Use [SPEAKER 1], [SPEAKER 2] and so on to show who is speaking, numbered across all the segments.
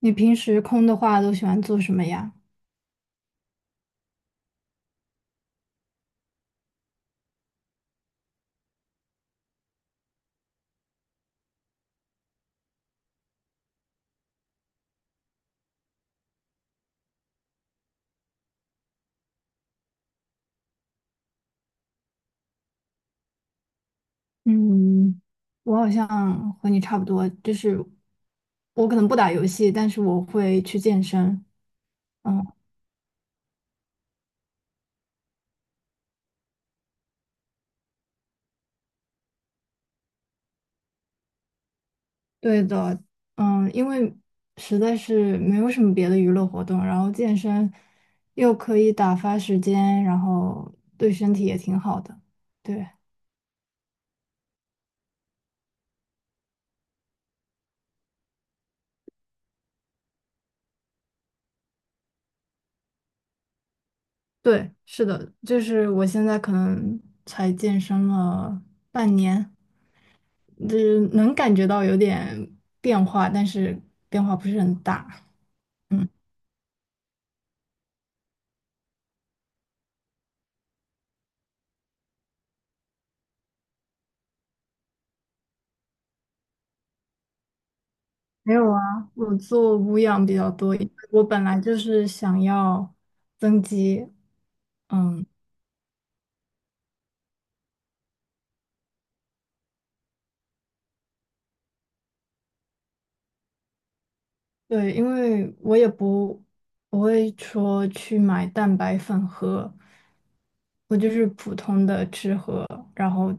[SPEAKER 1] 你平时空的话都喜欢做什么呀？嗯，我好像和你差不多，就是我可能不打游戏，但是我会去健身。嗯，对的，因为实在是没有什么别的娱乐活动，然后健身又可以打发时间，然后对身体也挺好的。对，对，是的，就是我现在可能才健身了半年。就是能感觉到有点变化，但是变化不是很大。嗯，没有啊，我做无氧比较多，因为我本来就是想要增肌。嗯，对，因为我也不会说去买蛋白粉喝，我就是普通的吃喝，然后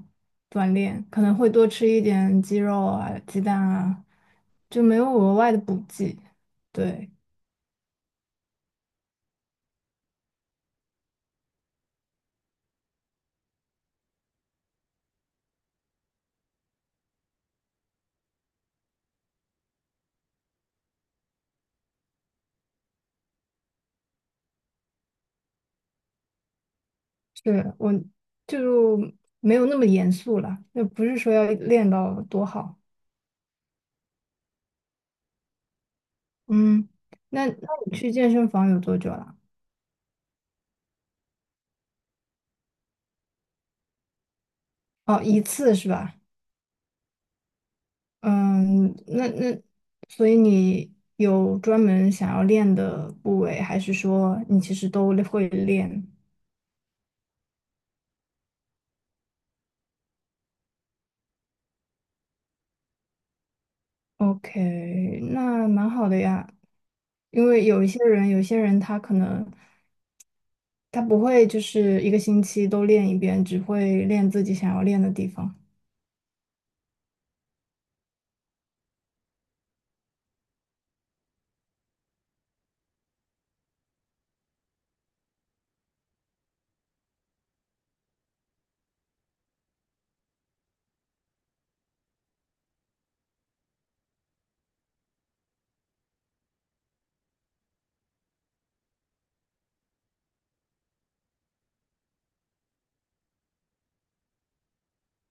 [SPEAKER 1] 锻炼，可能会多吃一点鸡肉啊、鸡蛋啊，就没有额外的补剂。对。是我就没有那么严肃了，就不是说要练到多好。嗯，那你去健身房有多久了？哦，一次是吧？嗯，那所以你有专门想要练的部位，还是说你其实都会练？OK,那蛮好的呀。因为有一些人，有些人他可能他不会就是一个星期都练一遍，只会练自己想要练的地方。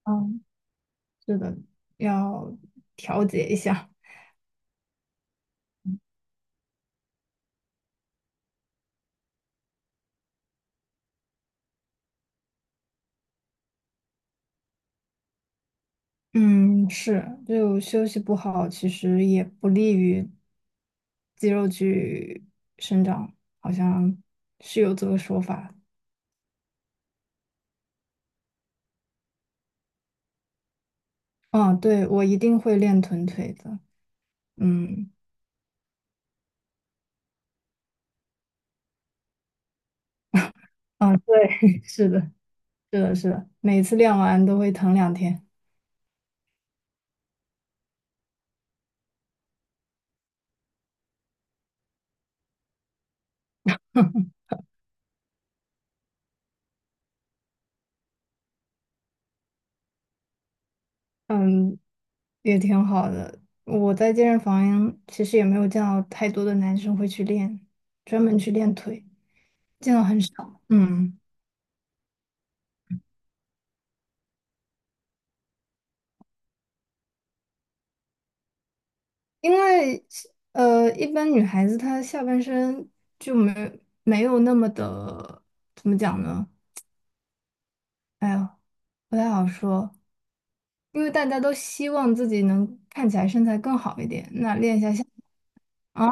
[SPEAKER 1] 哦是的，要调节一下。嗯，是，就休息不好，其实也不利于肌肉去生长，好像是有这个说法。嗯，对，我一定会练臀腿的。嗯，啊，对，是的，是的，是的，每次练完都会疼两天。嗯，也挺好的。我在健身房其实也没有见到太多的男生会去练，专门去练腿，见到很少。嗯。因为一般女孩子她下半身就没有那么的，怎么讲呢？哎呀，不太好说，因为大家都希望自己能看起来身材更好一点，那练一下啊，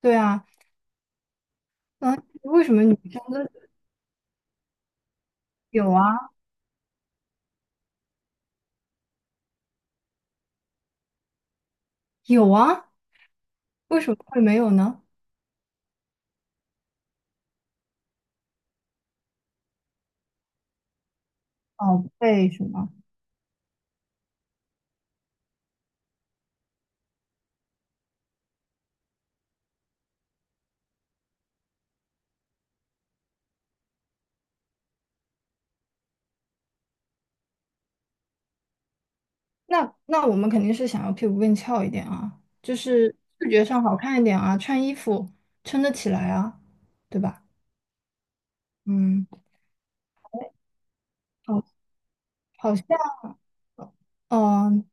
[SPEAKER 1] 对啊，那为什么女生都有啊有啊，为什么会没有呢？哦，为什么？那我们肯定是想要屁股更翘一点啊，就是视觉上好看一点啊，穿衣服撑得起来啊，对吧？嗯。哦好像，嗯，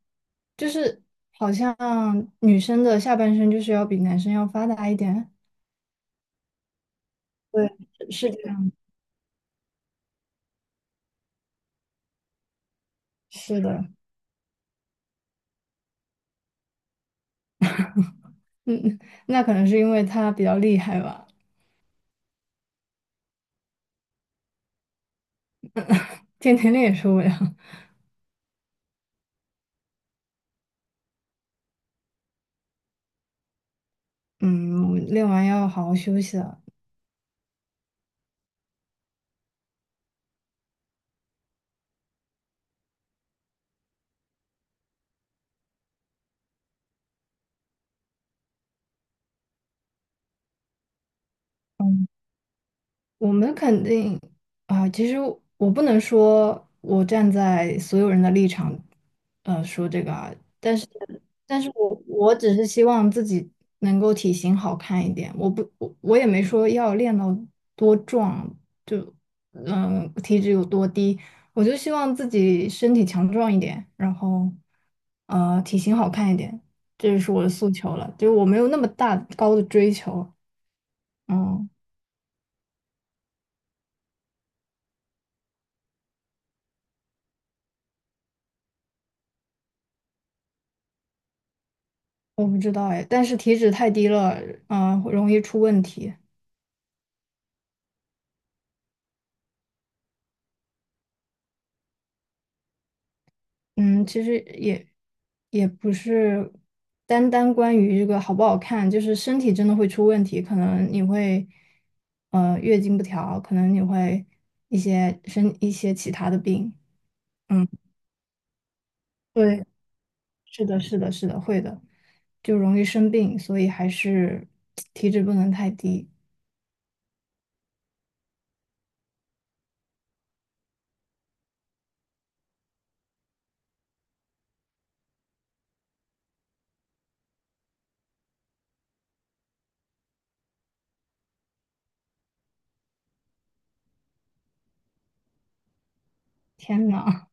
[SPEAKER 1] 就是好像女生的下半身就是要比男生要发达一点。对，是的，是的，嗯，那可能是因为他比较厉害吧，天天练也受不了。嗯，我们练完要好好休息了。嗯我们肯定啊，其实我不能说我站在所有人的立场，说这个啊，但是，但是我只是希望自己能够体型好看一点，我不我我也没说要练到多壮，就嗯体脂有多低，我就希望自己身体强壮一点，然后体型好看一点，这就是我的诉求了，就是我没有那么大高的追求，嗯。我不知道哎，但是体脂太低了，嗯、容易出问题。嗯，其实也也不是单单关于这个好不好看，就是身体真的会出问题，可能你会月经不调，可能你会一些其他的病。嗯，对，是的，是的，是的，会的，就容易生病，所以还是体脂不能太低。天呐，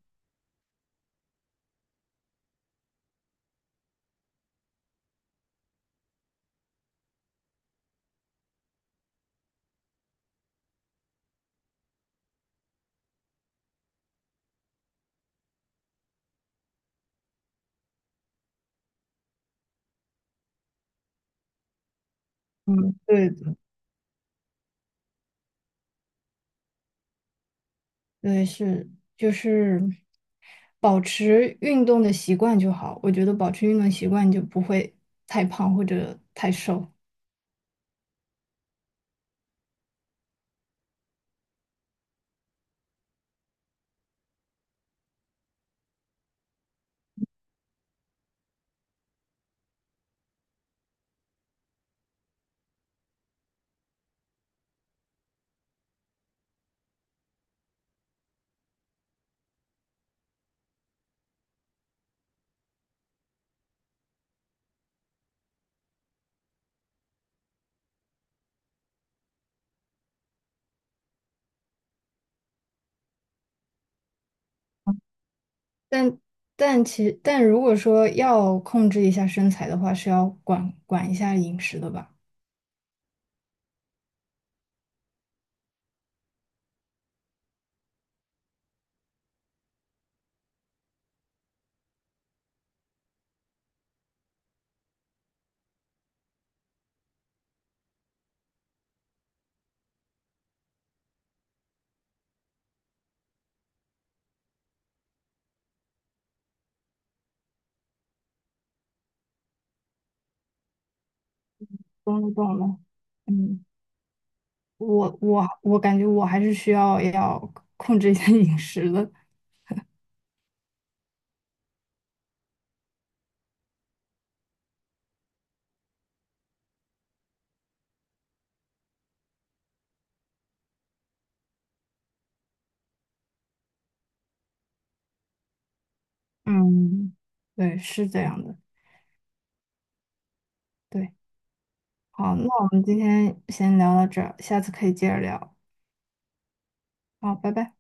[SPEAKER 1] 嗯，对对，是，就是保持运动的习惯就好。我觉得保持运动习惯，你就不会太胖或者太瘦。但但如果说要控制一下身材的话，是要管一下饮食的吧？懂了，懂了。嗯，我感觉我还是需要控制一下饮食的。嗯，对，是这样的。对，好，那我们今天先聊到这儿，下次可以接着聊。好，拜拜。